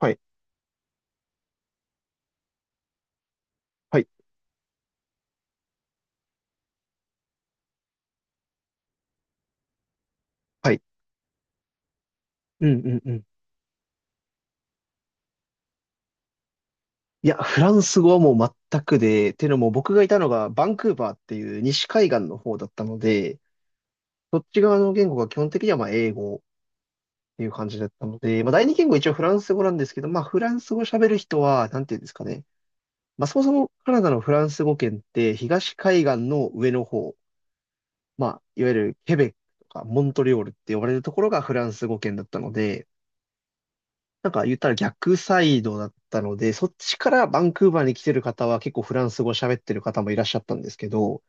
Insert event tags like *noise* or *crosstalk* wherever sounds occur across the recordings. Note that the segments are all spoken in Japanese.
はい、はい、はい。うん、うん、うん。いや、フランス語はもう全くで、っていうのも僕がいたのがバンクーバーっていう西海岸の方だったので、そっち側の言語が基本的にはまあ英語っていう感じだったので、まあ第二言語一応フランス語なんですけど、まあフランス語喋る人は、なんていうんですかね。まあそもそもカナダのフランス語圏って東海岸の上の方、まあいわゆるケベックとかモントリオールって呼ばれるところがフランス語圏だったので、なんか言ったら逆サイドだったので、そっちからバンクーバーに来てる方は結構フランス語喋ってる方もいらっしゃったんですけど、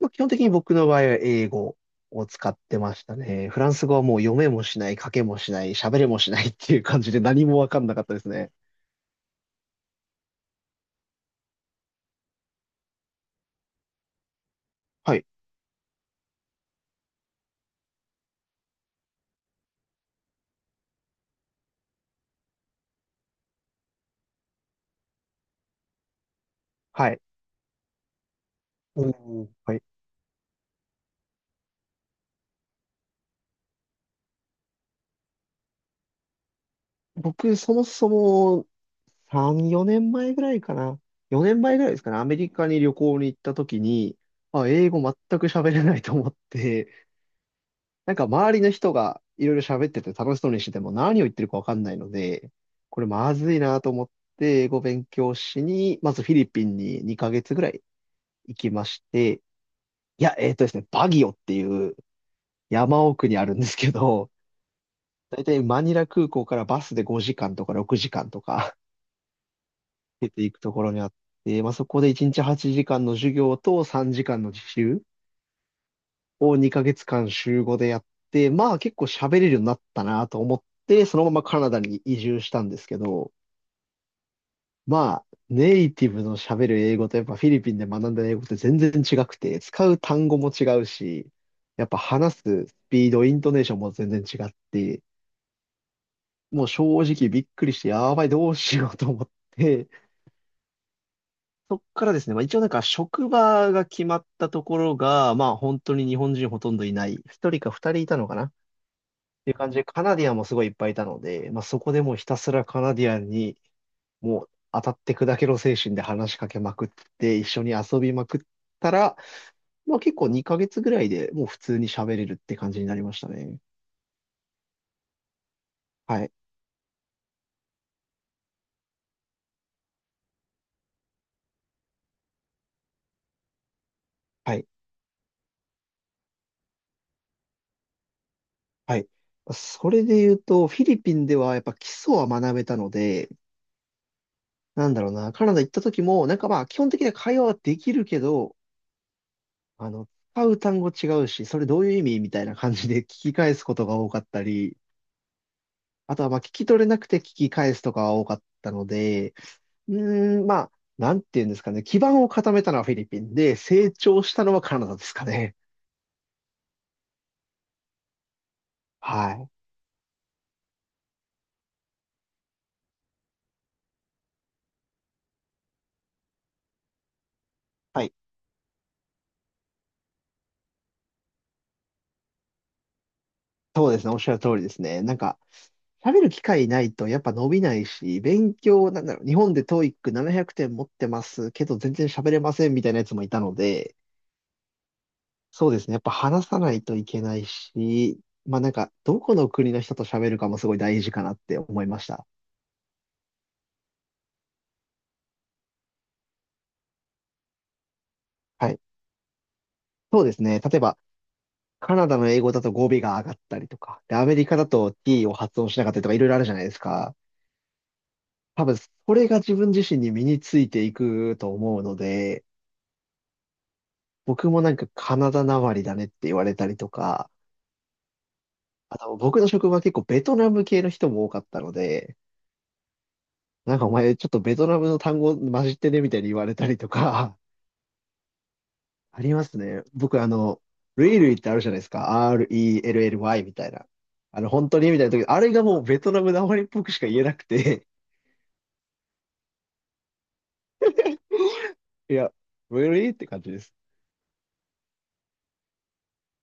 まあ、基本的に僕の場合は英語を使ってましたね。フランス語はもう読めもしない、書けもしない、喋れもしないっていう感じで何もわかんなかったですね。はい。はい。うん。はい。僕、そもそも3、4年前ぐらいかな。4年前ぐらいですかね。アメリカに旅行に行った時に、あ、英語全く喋れないと思って、なんか周りの人がいろいろ喋ってて楽しそうにしてても何を言ってるかわかんないので、これまずいなと思って英語勉強しに、まずフィリピンに2ヶ月ぐらい行きまして、いや、えっとですね、バギオっていう山奥にあるんですけど、だいたいマニラ空港からバスで5時間とか6時間とか *laughs* 出ていくところにあって、まあ、そこで1日8時間の授業と3時間の実習を2ヶ月間週5でやって、まあ結構喋れるようになったなと思って、そのままカナダに移住したんですけど、まあネイティブの喋る英語とやっぱフィリピンで学んだ英語って全然違くて、使う単語も違うし、やっぱ話すスピード、イントネーションも全然違って、もう正直びっくりして、やばい、どうしようと思って、そっからですね、まあ一応なんか職場が決まったところが、まあ本当に日本人ほとんどいない、一人か二人いたのかなていう感じで、カナディアンもすごいいっぱいいたので、まあ、そこでもうひたすらカナディアンに、もう当たって砕けろ精神で話しかけまくって、一緒に遊びまくったら、まあ、結構2ヶ月ぐらいでもう普通に喋れるって感じになりましたね。はい、はい、はい。それで言うと、フィリピンではやっぱ基礎は学べたので、なんだろうな、カナダ行った時も、なんかまあ基本的な会話はできるけど、あの、使う単語違うし、それどういう意味みたいな感じで聞き返すことが多かったり、あとは、まあ、聞き取れなくて聞き返すとかは多かったので、うーん、まあ、なんていうんですかね。基盤を固めたのはフィリピンで、成長したのはカナダですかね。はい。はい。そうですね。おっしゃる通りですね。なんか、喋る機会ないとやっぱ伸びないし、勉強、なんだろう、日本で TOEIC 700点持ってますけど全然喋れませんみたいなやつもいたので、そうですね。やっぱ話さないといけないし、まあなんか、どこの国の人と喋るかもすごい大事かなって思いました。はい。そうですね。例えば、カナダの英語だと語尾が上がったりとか、で、アメリカだと t を発音しなかったりとかいろいろあるじゃないですか。多分、それが自分自身に身についていくと思うので、僕もなんかカナダなまりだねって言われたりとか、あと僕の職場は結構ベトナム系の人も多かったので、なんかお前ちょっとベトナムの単語混じってねみたいに言われたりとか、*laughs* ありますね。僕ルイルイってあるじゃないですか。RELLY みたいな。あの、本当にみたいな時、あれがもうベトナムなまりっぽくしか言えなくていや、really? って感じです。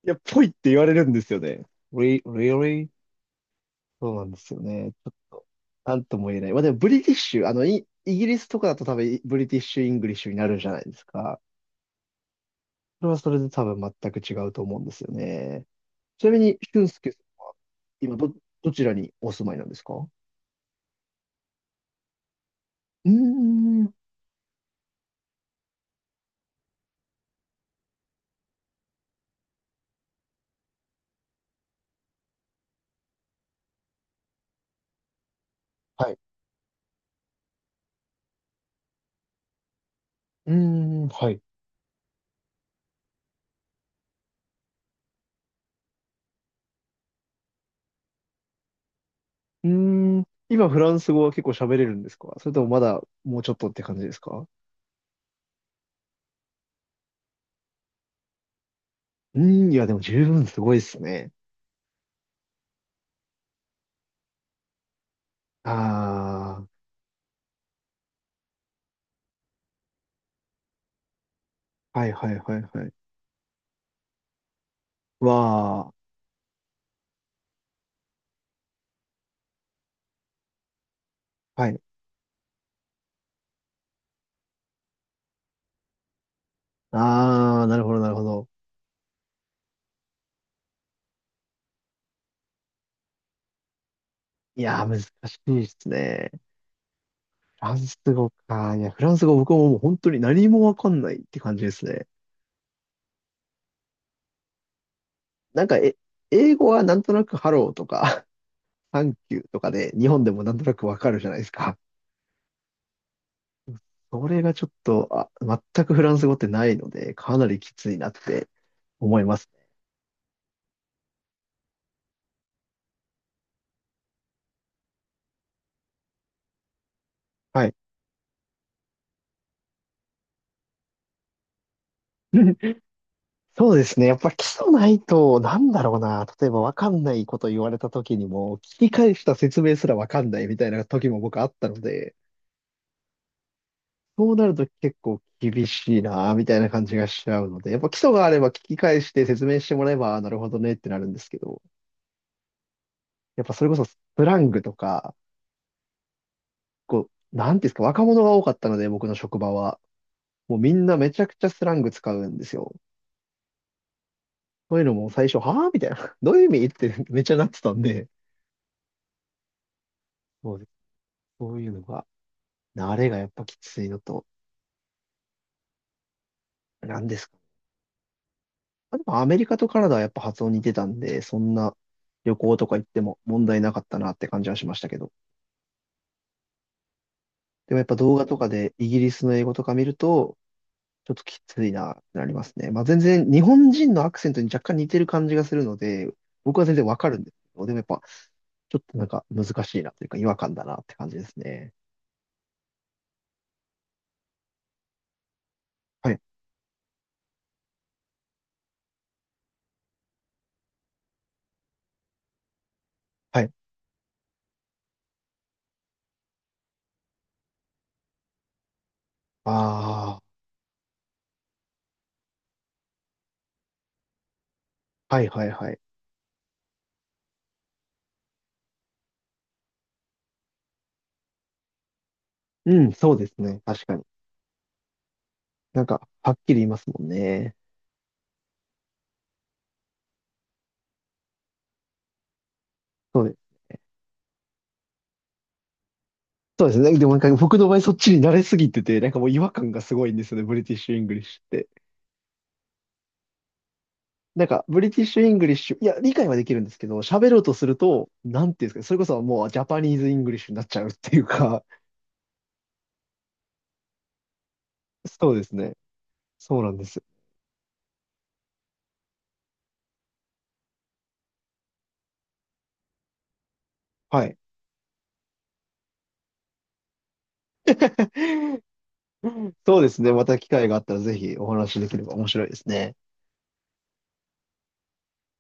いや、ぽいって言われるんですよね。Re- really? そうなんですよね。ちょっと、なんとも言えない。まあでも、ブリティッシュ、イギリスとかだと多分、ブリティッシュ・イングリッシュになるじゃないですか。それはそれで多分全く違うと思うんですよね。ちなみに、俊介さんは、今、どちらにお住まいなんですか？うーん。はい。うーん、はい。うーん。今、フランス語は結構喋れるんですか？それともまだ、もうちょっとって感じですか？うーん、いや、でも十分すごいですね。ああ、はいはいはいはい。わあ、はい。ああ、なるほどなるほど。いやー、難しいですね。フランス語か。いや、フランス語僕はもう本当に何もわかんないって感じですね。なんか、英語はなんとなくハローとか、*laughs* サンキューとかで、日本でもなんとなくわかるじゃないですか。それがちょっと、あ、全くフランス語ってないので、かなりきついなって思いますね。はい。*laughs* そうですね。やっぱ基礎ないと、なんだろうな。例えば分かんないこと言われた時にも、聞き返した説明すら分かんないみたいな時も僕あったので、そうなると結構厳しいな、みたいな感じがしちゃうので、やっぱ基礎があれば聞き返して説明してもらえば、あなるほどねってなるんですけど、やっぱそれこそスラングとか、こう、なんていうんですか、若者が多かったので、僕の職場は。もうみんなめちゃくちゃスラング使うんですよ。そういうのも最初、はぁみたいな。*laughs* どういう意味ってめっちゃなってたんで、そうですそういうのが慣れがやっぱきついのと、なんですか。あでもアメリカとカナダはやっぱ発音似てたんで、そんな旅行とか行っても問題なかったなって感じはしましたけど。でもやっぱ動画とかでイギリスの英語とか見ると、ちょっときついなってなりますね。まあ全然日本人のアクセントに若干似てる感じがするので、僕は全然わかるんですけど、でもやっぱちょっとなんか難しいなというか違和感だなって感じですね。はい。はい。ああ。はいはいはい。うん、そうですね。確かに。なんか、はっきり言いますもんね。そうですね。そうですね。でもなんか僕の場合そっちに慣れすぎてて、なんかもう違和感がすごいんですよね、ブリティッシュ・イングリッシュって。なんか、ブリティッシュ・イングリッシュ、いや、理解はできるんですけど、喋ろうとすると、なんていうんですかね、それこそもうジャパニーズ・イングリッシュになっちゃうっていうか、そうですね。そうなんです。はい。*laughs* そうですね。また機会があったらぜひお話しできれば面白いですね。